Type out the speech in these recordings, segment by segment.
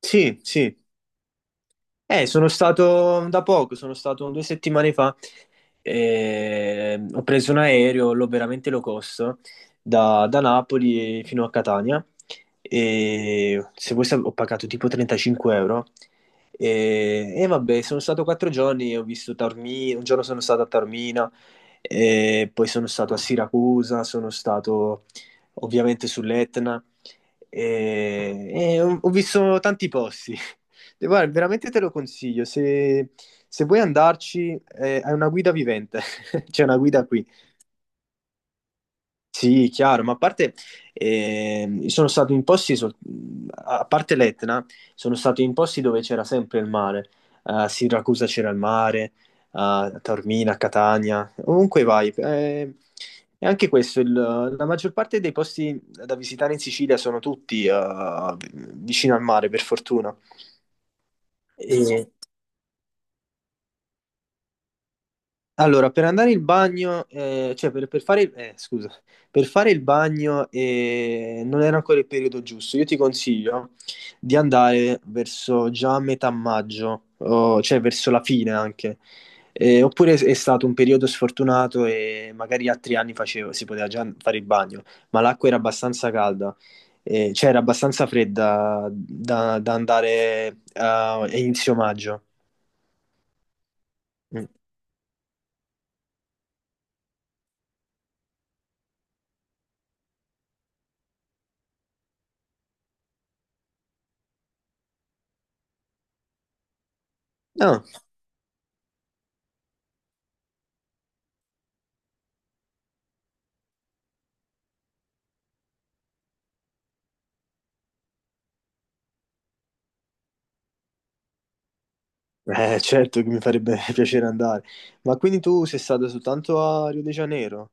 Sì, sì. Sono stato da poco, sono stato 2 settimane fa. Ho preso un aereo, l'ho veramente low cost, da Napoli fino a Catania. E se vuoi ho pagato tipo 35 euro. E vabbè, sono stato 4 giorni, ho visto Taormina, un giorno sono stato a Taormina, e poi sono stato a Siracusa, sono stato ovviamente sull'Etna. E ho visto tanti posti. E guarda, veramente te lo consiglio, se vuoi andarci, hai una guida vivente, c'è una guida qui. Sì, chiaro, ma a parte, sono stato in posti, a parte l'Etna, sono stato in posti dove c'era sempre il mare, a Siracusa c'era il mare, a Taormina, a Catania, ovunque vai. E anche questo, la maggior parte dei posti da visitare in Sicilia sono tutti vicino al mare, per fortuna. Allora, per andare in bagno, cioè per fare, scusa, per fare il bagno non era ancora il periodo giusto. Io ti consiglio di andare verso già metà maggio, cioè verso la fine anche. Oppure è stato un periodo sfortunato e magari altri anni si poteva già fare il bagno, ma l'acqua era abbastanza calda, cioè era abbastanza fredda da andare a inizio maggio. Mm. No. Certo che mi farebbe piacere andare. Ma quindi tu sei stato soltanto a Rio de Janeiro?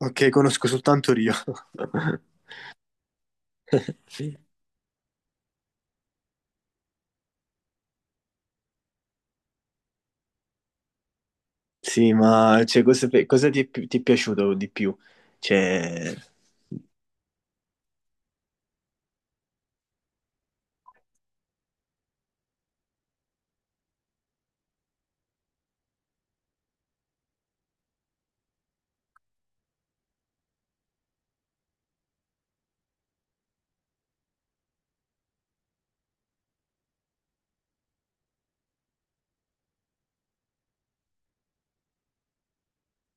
Ok, conosco soltanto Rio. Sì, sì, ma cioè, cosa ti è, ti è piaciuto di più? Cioè,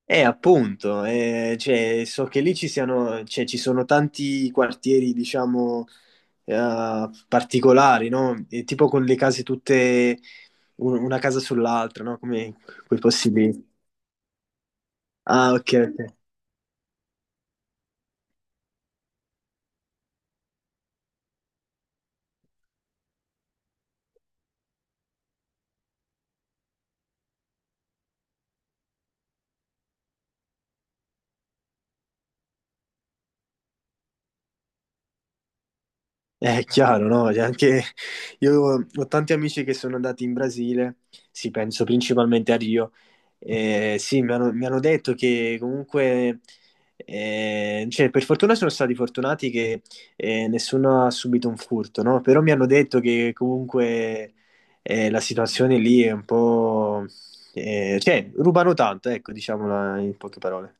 appunto, cioè, so che lì ci siano, cioè, ci sono tanti quartieri, diciamo, particolari, no? E tipo con le case tutte, una casa sull'altra, no? Come quei posti lì. Ah, ok, ok. È chiaro, no? Cioè, anche io ho tanti amici che sono andati in Brasile, sì, penso principalmente a Rio, e sì, mi hanno detto che comunque, cioè, per fortuna sono stati fortunati che nessuno ha subito un furto, no? Però mi hanno detto che comunque la situazione lì è un po', cioè, rubano tanto, ecco, diciamola in poche parole.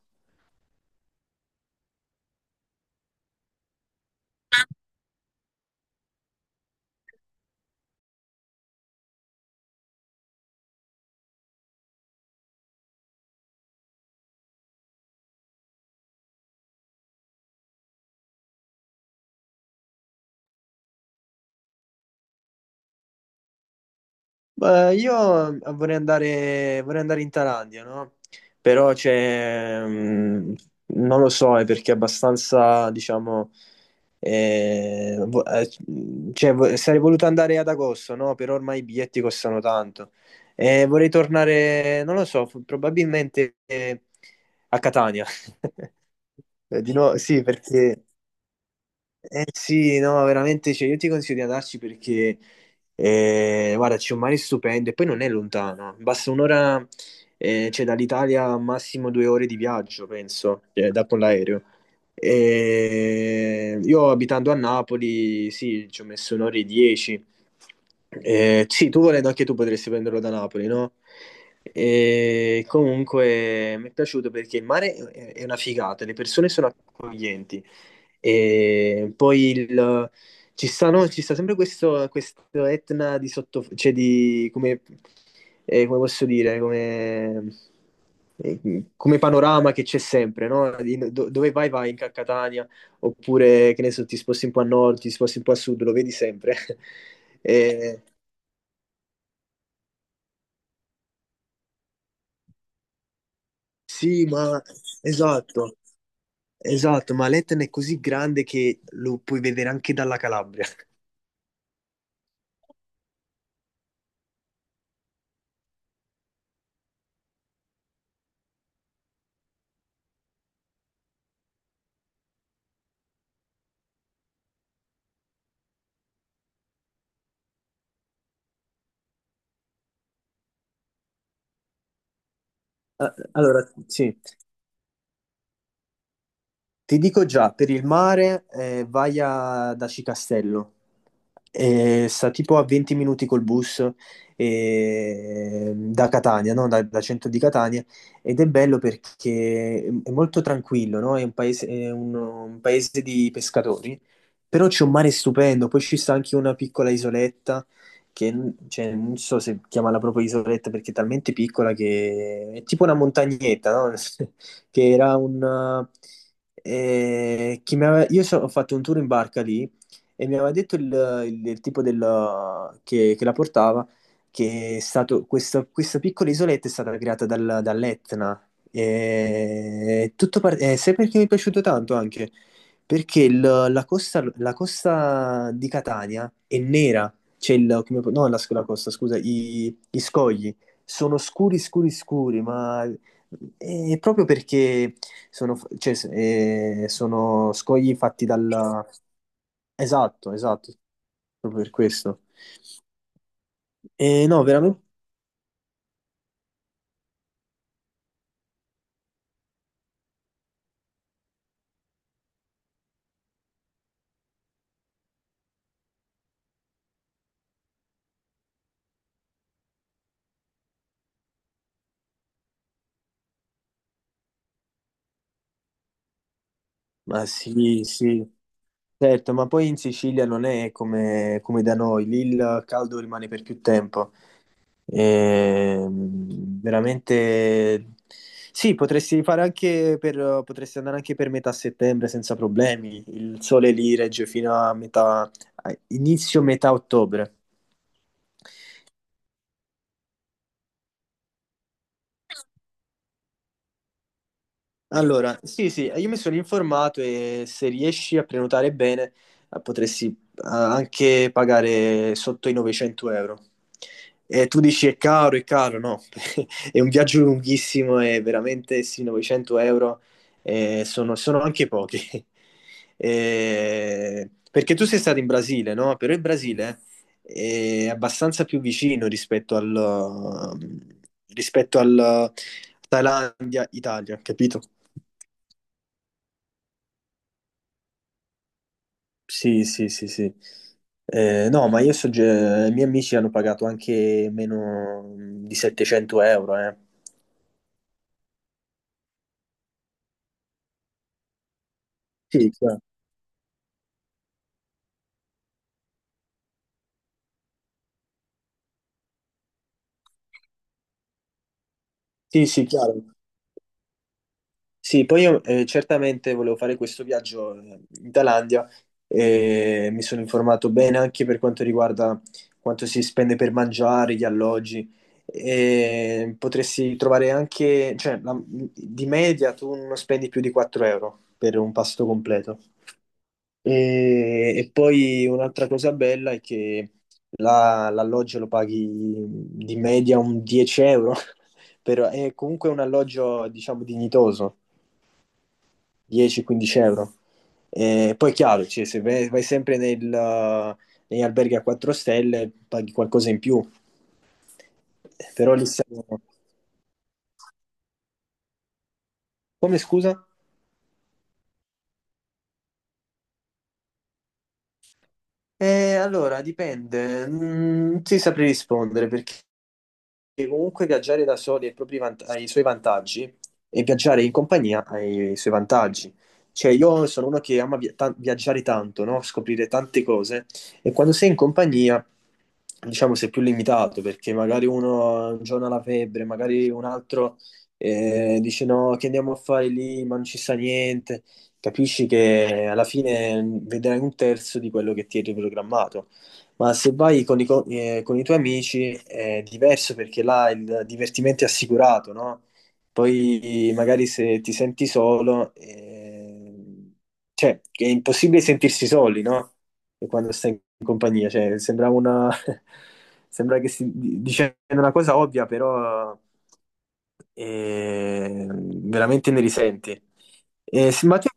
Beh, io vorrei andare in Thailandia, no? Però c'è, non lo so, è perché è abbastanza, diciamo, eh, vo- eh, cioè, sarei voluto andare ad agosto, no? Però ormai i biglietti costano tanto. E vorrei tornare, non lo so, probabilmente a Catania. Di nuovo, sì, perché. Eh sì, no, veramente, cioè, io ti consiglio di andarci perché, guarda, c'è un mare stupendo e poi non è lontano, basta un'ora, cioè, dall'Italia massimo 2 ore di viaggio, penso, da con l'aereo. E io abitando a Napoli, sì, ci ho messo un'ora e dieci. Sì, tu volendo anche tu potresti prenderlo da Napoli, no? E comunque mi è piaciuto perché il mare è una figata, le persone sono accoglienti. E poi ci sta sempre questo Etna di sotto, cioè di, come, come posso dire, come, come panorama che c'è sempre, no? Dove vai, vai in Catania, oppure che ne so, ti sposti un po' a nord, ti sposti un po' a sud, lo vedi sempre. Eh, sì, ma esatto, esatto, ma l'Etna è così grande che lo puoi vedere anche dalla Calabria. Ah, allora, sì, ti dico già, per il mare vai a Daci Castello. Sta tipo a 20 minuti col bus da Catania, no? Da centro di Catania, ed è bello perché è molto tranquillo, no? È un paese, un paese di pescatori, però c'è un mare stupendo, poi ci sta anche una piccola isoletta che cioè, non so se chiamarla proprio isoletta perché è talmente piccola che è tipo una montagnetta, no? Che era un, che mi aveva- io so- ho fatto un tour in barca lì e mi aveva detto il tipo che la portava, che è stato, questa piccola isoletta è stata creata dall'Etna. E tutto sai perché mi è piaciuto tanto anche? Perché la costa di Catania è nera, c'è no, la costa, scusa, i scogli sono scuri, scuri, scuri, ma e proprio perché sono, cioè, sono scogli fatti dal. Esatto, esatto, proprio per questo. E no, veramente? Ma sì, sì, certo, ma poi in Sicilia non è come da noi, lì il caldo rimane per più tempo. E, veramente sì, potresti fare anche per, potresti andare anche per metà settembre senza problemi. Il sole lì regge fino a metà, a inizio metà ottobre. Allora, sì, sì, io mi sono informato e se riesci a prenotare bene potresti anche pagare sotto i 900 euro. E tu dici è caro, no, è un viaggio lunghissimo e veramente sì, 900 euro sono anche pochi. Perché tu sei stato in Brasile, no? Però il Brasile è abbastanza più vicino rispetto al Thailandia-Italia, capito? Sì, sì, sì, sì. No, ma io so, i miei amici hanno pagato anche meno di 700 euro, eh. Sì, chiaro. Sì, sì, chiaro. Sì, poi io certamente volevo fare questo viaggio in Thailandia e mi sono informato bene anche per quanto riguarda quanto si spende per mangiare, gli alloggi. E potresti trovare anche, cioè, di media tu non spendi più di 4 euro per un pasto completo. E poi un'altra cosa bella è che l'alloggio lo paghi di media un 10 euro, però è comunque un alloggio, diciamo, dignitoso. 10-15 euro. E poi è chiaro, cioè, se vai, vai sempre negli alberghi a 4 stelle paghi qualcosa in più, però lì siamo. Come scusa? Allora, dipende, non ti saprei rispondere perché che comunque viaggiare da soli ha i propri ha i suoi vantaggi e viaggiare in compagnia ha i suoi vantaggi. Cioè, io sono uno che ama viaggiare tanto, no? Scoprire tante cose e quando sei in compagnia, diciamo, sei più limitato perché magari uno un giorno ha la febbre, magari un altro dice no, che andiamo a fare lì, ma non ci sta niente. Capisci che alla fine vedrai un terzo di quello che ti eri programmato. Ma se vai con con i tuoi amici è diverso perché là il divertimento è assicurato, no? Poi magari se ti senti solo, cioè è impossibile sentirsi soli, no? E quando stai in compagnia, cioè sembra una. Sembra che si dicendo una cosa ovvia, però veramente ne risenti. Sì, ma tu